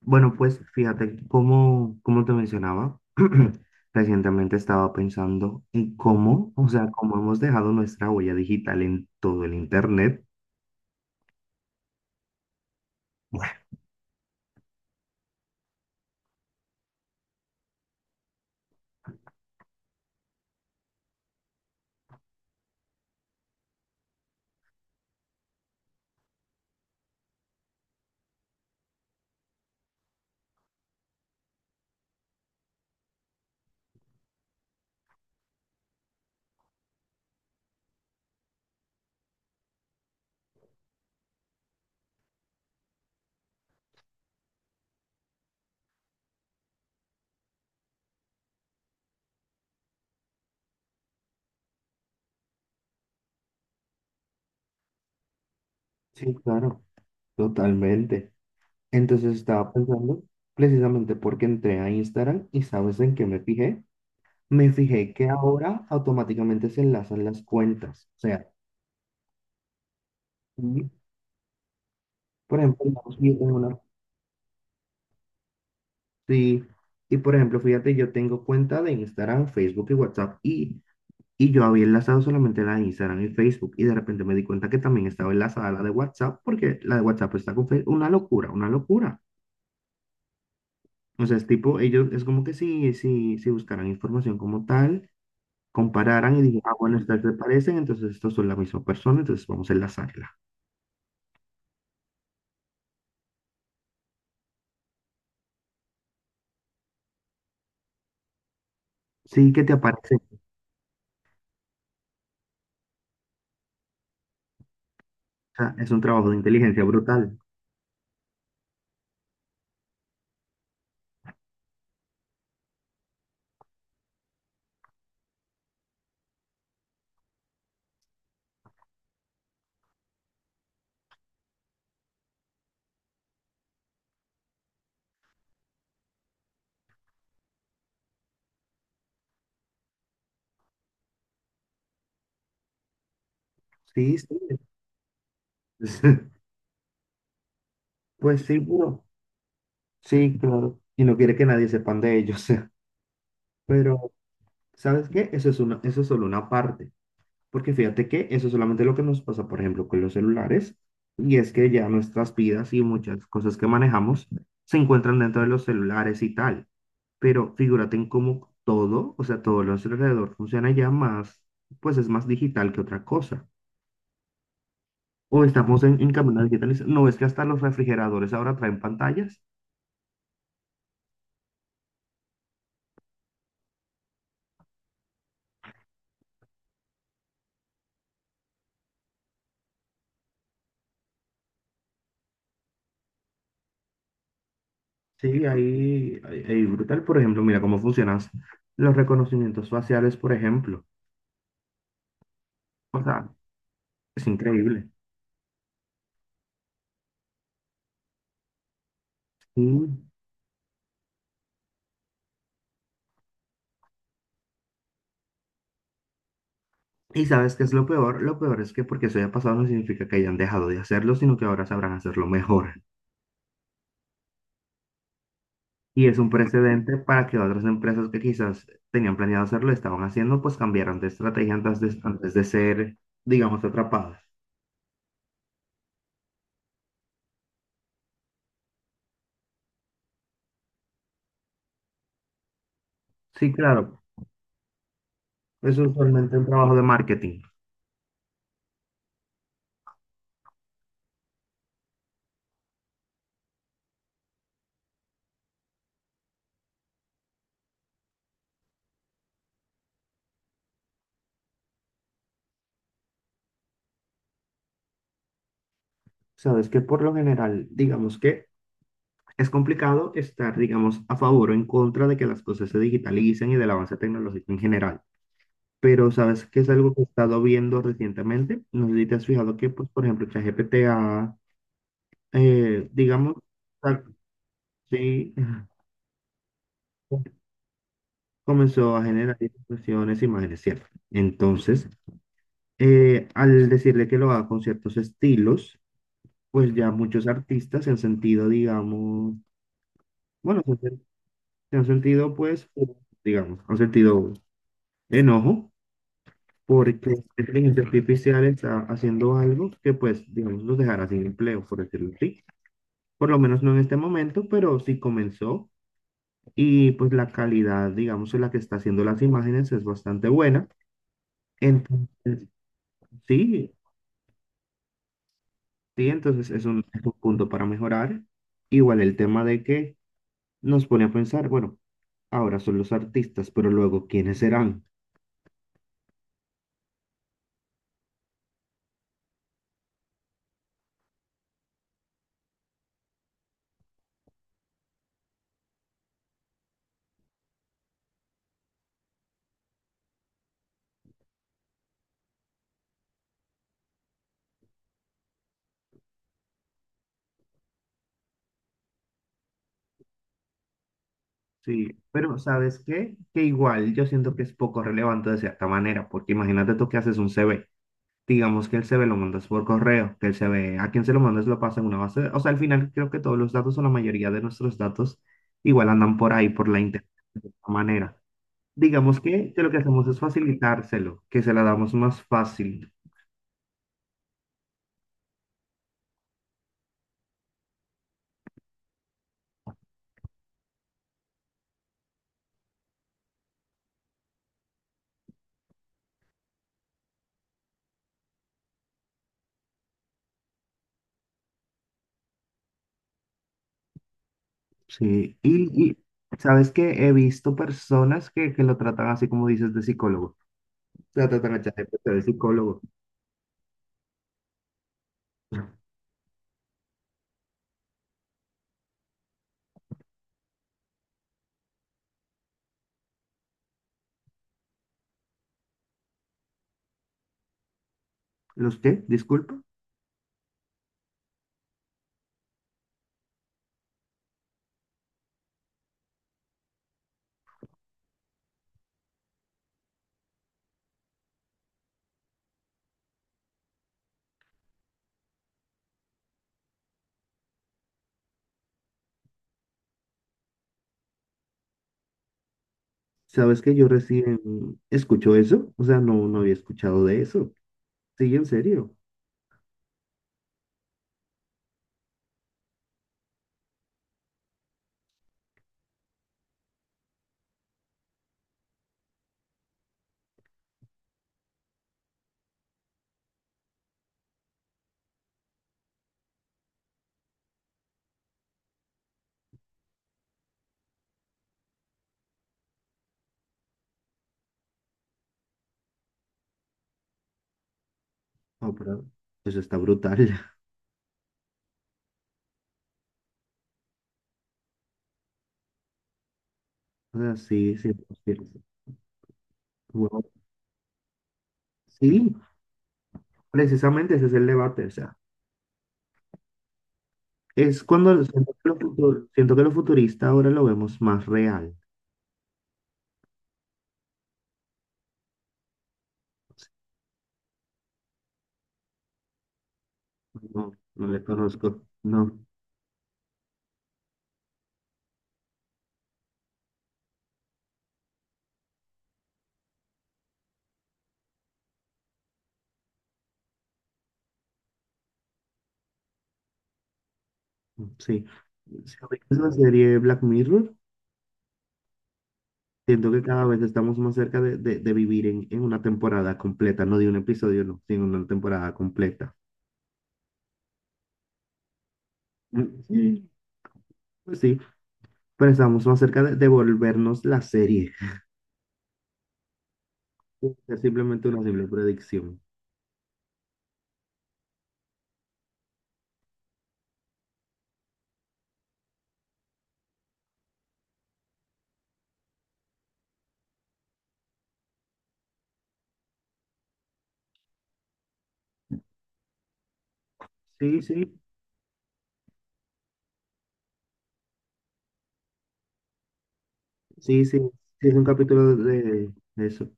Bueno, pues fíjate, como te mencionaba, recientemente estaba pensando en cómo, o sea, cómo hemos dejado nuestra huella digital en todo el Internet. Sí, claro, totalmente. Entonces estaba pensando, precisamente porque entré a Instagram y ¿sabes en qué me fijé? Me fijé que ahora automáticamente se enlazan las cuentas. O sea, y, por ejemplo, digamos que yo tengo una- sí, y por ejemplo, fíjate, yo tengo cuenta de Instagram, Facebook y WhatsApp y yo había enlazado solamente la de Instagram y Facebook y de repente me di cuenta que también estaba enlazada la de WhatsApp porque la de WhatsApp está con Facebook. Una locura, una locura. O sea, es tipo, ellos es como que si buscaran información como tal, compararan y dijeran, ah, bueno, estas se parecen, entonces estos son la misma persona, entonces vamos a enlazarla. Sí, que te aparece. O sea, es un trabajo de inteligencia brutal. Sí, sí. Pues sí, bro. Sí, claro. Y no quiere que nadie sepan de ellos. Pero, ¿sabes qué? Eso es solo una parte. Porque fíjate que eso es solamente lo que nos pasa, por ejemplo, con los celulares, y es que ya nuestras vidas y muchas cosas que manejamos se encuentran dentro de los celulares y tal. Pero figúrate en cómo todo, o sea, todo lo a nuestro alrededor funciona ya más, pues es más digital que otra cosa. O estamos en camino a digitalizar. No es que hasta los refrigeradores ahora traen pantallas. Sí, ahí brutal. Por ejemplo, mira cómo funcionan los reconocimientos faciales, por ejemplo. O sea, es increíble. Sí. Y sabes qué es lo peor es que porque eso haya pasado no significa que hayan dejado de hacerlo, sino que ahora sabrán hacerlo mejor. Y es un precedente para que otras empresas que quizás tenían planeado hacerlo, estaban haciendo, pues cambiaran de estrategia antes de ser, digamos, atrapadas. Sí, claro, eso es usualmente un trabajo de marketing. Sabes que por lo general, digamos que es complicado estar, digamos, a favor o en contra de que las cosas se digitalicen y del avance tecnológico en general. Pero sabes que es algo que he estado viendo recientemente. No sé si te has fijado que, pues, por ejemplo, ChatGPT eh, digamos, ah, sí, comenzó a generar expresiones, imágenes, ¿cierto? Entonces, al decirle que lo haga con ciertos estilos, pues ya muchos artistas se han sentido, digamos, bueno, se han sen- se han sentido, pues, digamos, han sentido enojo porque la inteligencia artificial está haciendo algo que, pues, digamos, los dejará sin empleo, por decirlo así. Por lo menos no en este momento, pero sí comenzó y pues la calidad, digamos, en la que está haciendo las imágenes es bastante buena. Entonces, sí, sí, entonces es es un punto para mejorar. Igual el tema de que nos pone a pensar, bueno, ahora son los artistas, pero luego, ¿quiénes serán? Sí, pero ¿sabes qué? Que igual yo siento que es poco relevante de cierta manera, porque imagínate tú que haces un CV. Digamos que él se ve lo mandas por correo, que él se ve a quien se lo mandas lo pasa en una base. O sea, al final creo que todos los datos o la mayoría de nuestros datos igual andan por ahí, por la internet, de alguna manera. Digamos que lo que hacemos es facilitárselo, que se la damos más fácil. Sí, y sabes que he visto personas que lo tratan así como dices de psicólogo. O sea, tratan a ChatGPT de psicólogo. ¿Los qué? Disculpa. ¿Sabes que yo recién escucho eso? O sea, no, no había escuchado de eso. Sí, en serio. No, pero eso está brutal. O sea, sí, sí, sí. Bueno, sí, precisamente ese es el debate. O sea, es cuando siento que siento que lo futurista ahora lo vemos más real. No, no le conozco. No, sí. Si ubicas la serie Black Mirror, siento que cada vez estamos más cerca de, de vivir en una temporada completa, no de un episodio, no, sino una temporada completa. Mm, sí, pues sí, pero estamos más cerca de volvernos la serie. Es simplemente una simple predicción. Sí, sí, sí, es un capítulo de eso.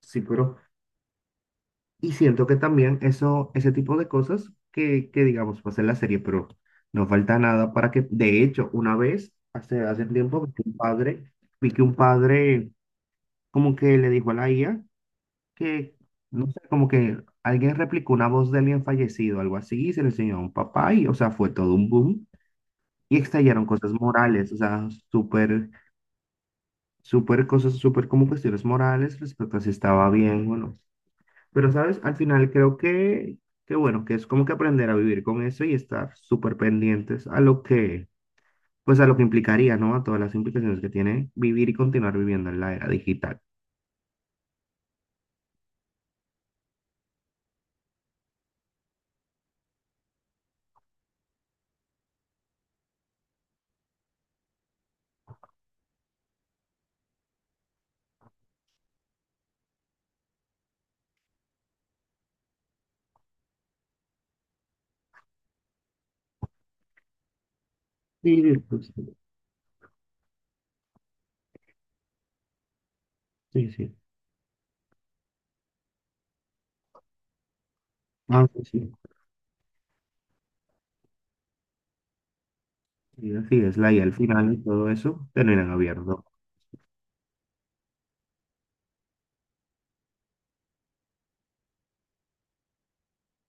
Sí, pero. Y siento que también eso, ese tipo de cosas que digamos, pasa en la serie, pero no falta nada para que. De hecho, una vez, hace tiempo, vi que un padre como que le dijo a la IA que, no sé, como que alguien replicó una voz de alguien fallecido, algo así, y se le enseñó a un papá, y, o sea, fue todo un boom. Y estallaron cosas morales, o sea, súper súper cosas, súper como cuestiones morales respecto a si estaba bien o no. Pero, ¿sabes? Al final creo que bueno, que es como que aprender a vivir con eso y estar súper pendientes a lo que, pues a lo que implicaría, ¿no? A todas las implicaciones que tiene vivir y continuar viviendo en la era digital. Sí, pues, sí, sí. Ah, pues sí. Sí, así es, la IA al final y todo eso terminan abierto.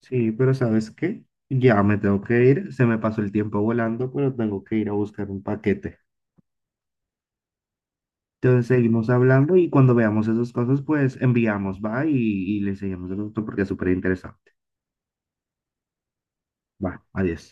Sí, pero ¿sabes qué? Ya me tengo que ir, se me pasó el tiempo volando, pero tengo que ir a buscar un paquete. Entonces seguimos hablando y cuando veamos esas cosas, pues enviamos, va, y le seguimos el otro porque es súper interesante. Va, adiós.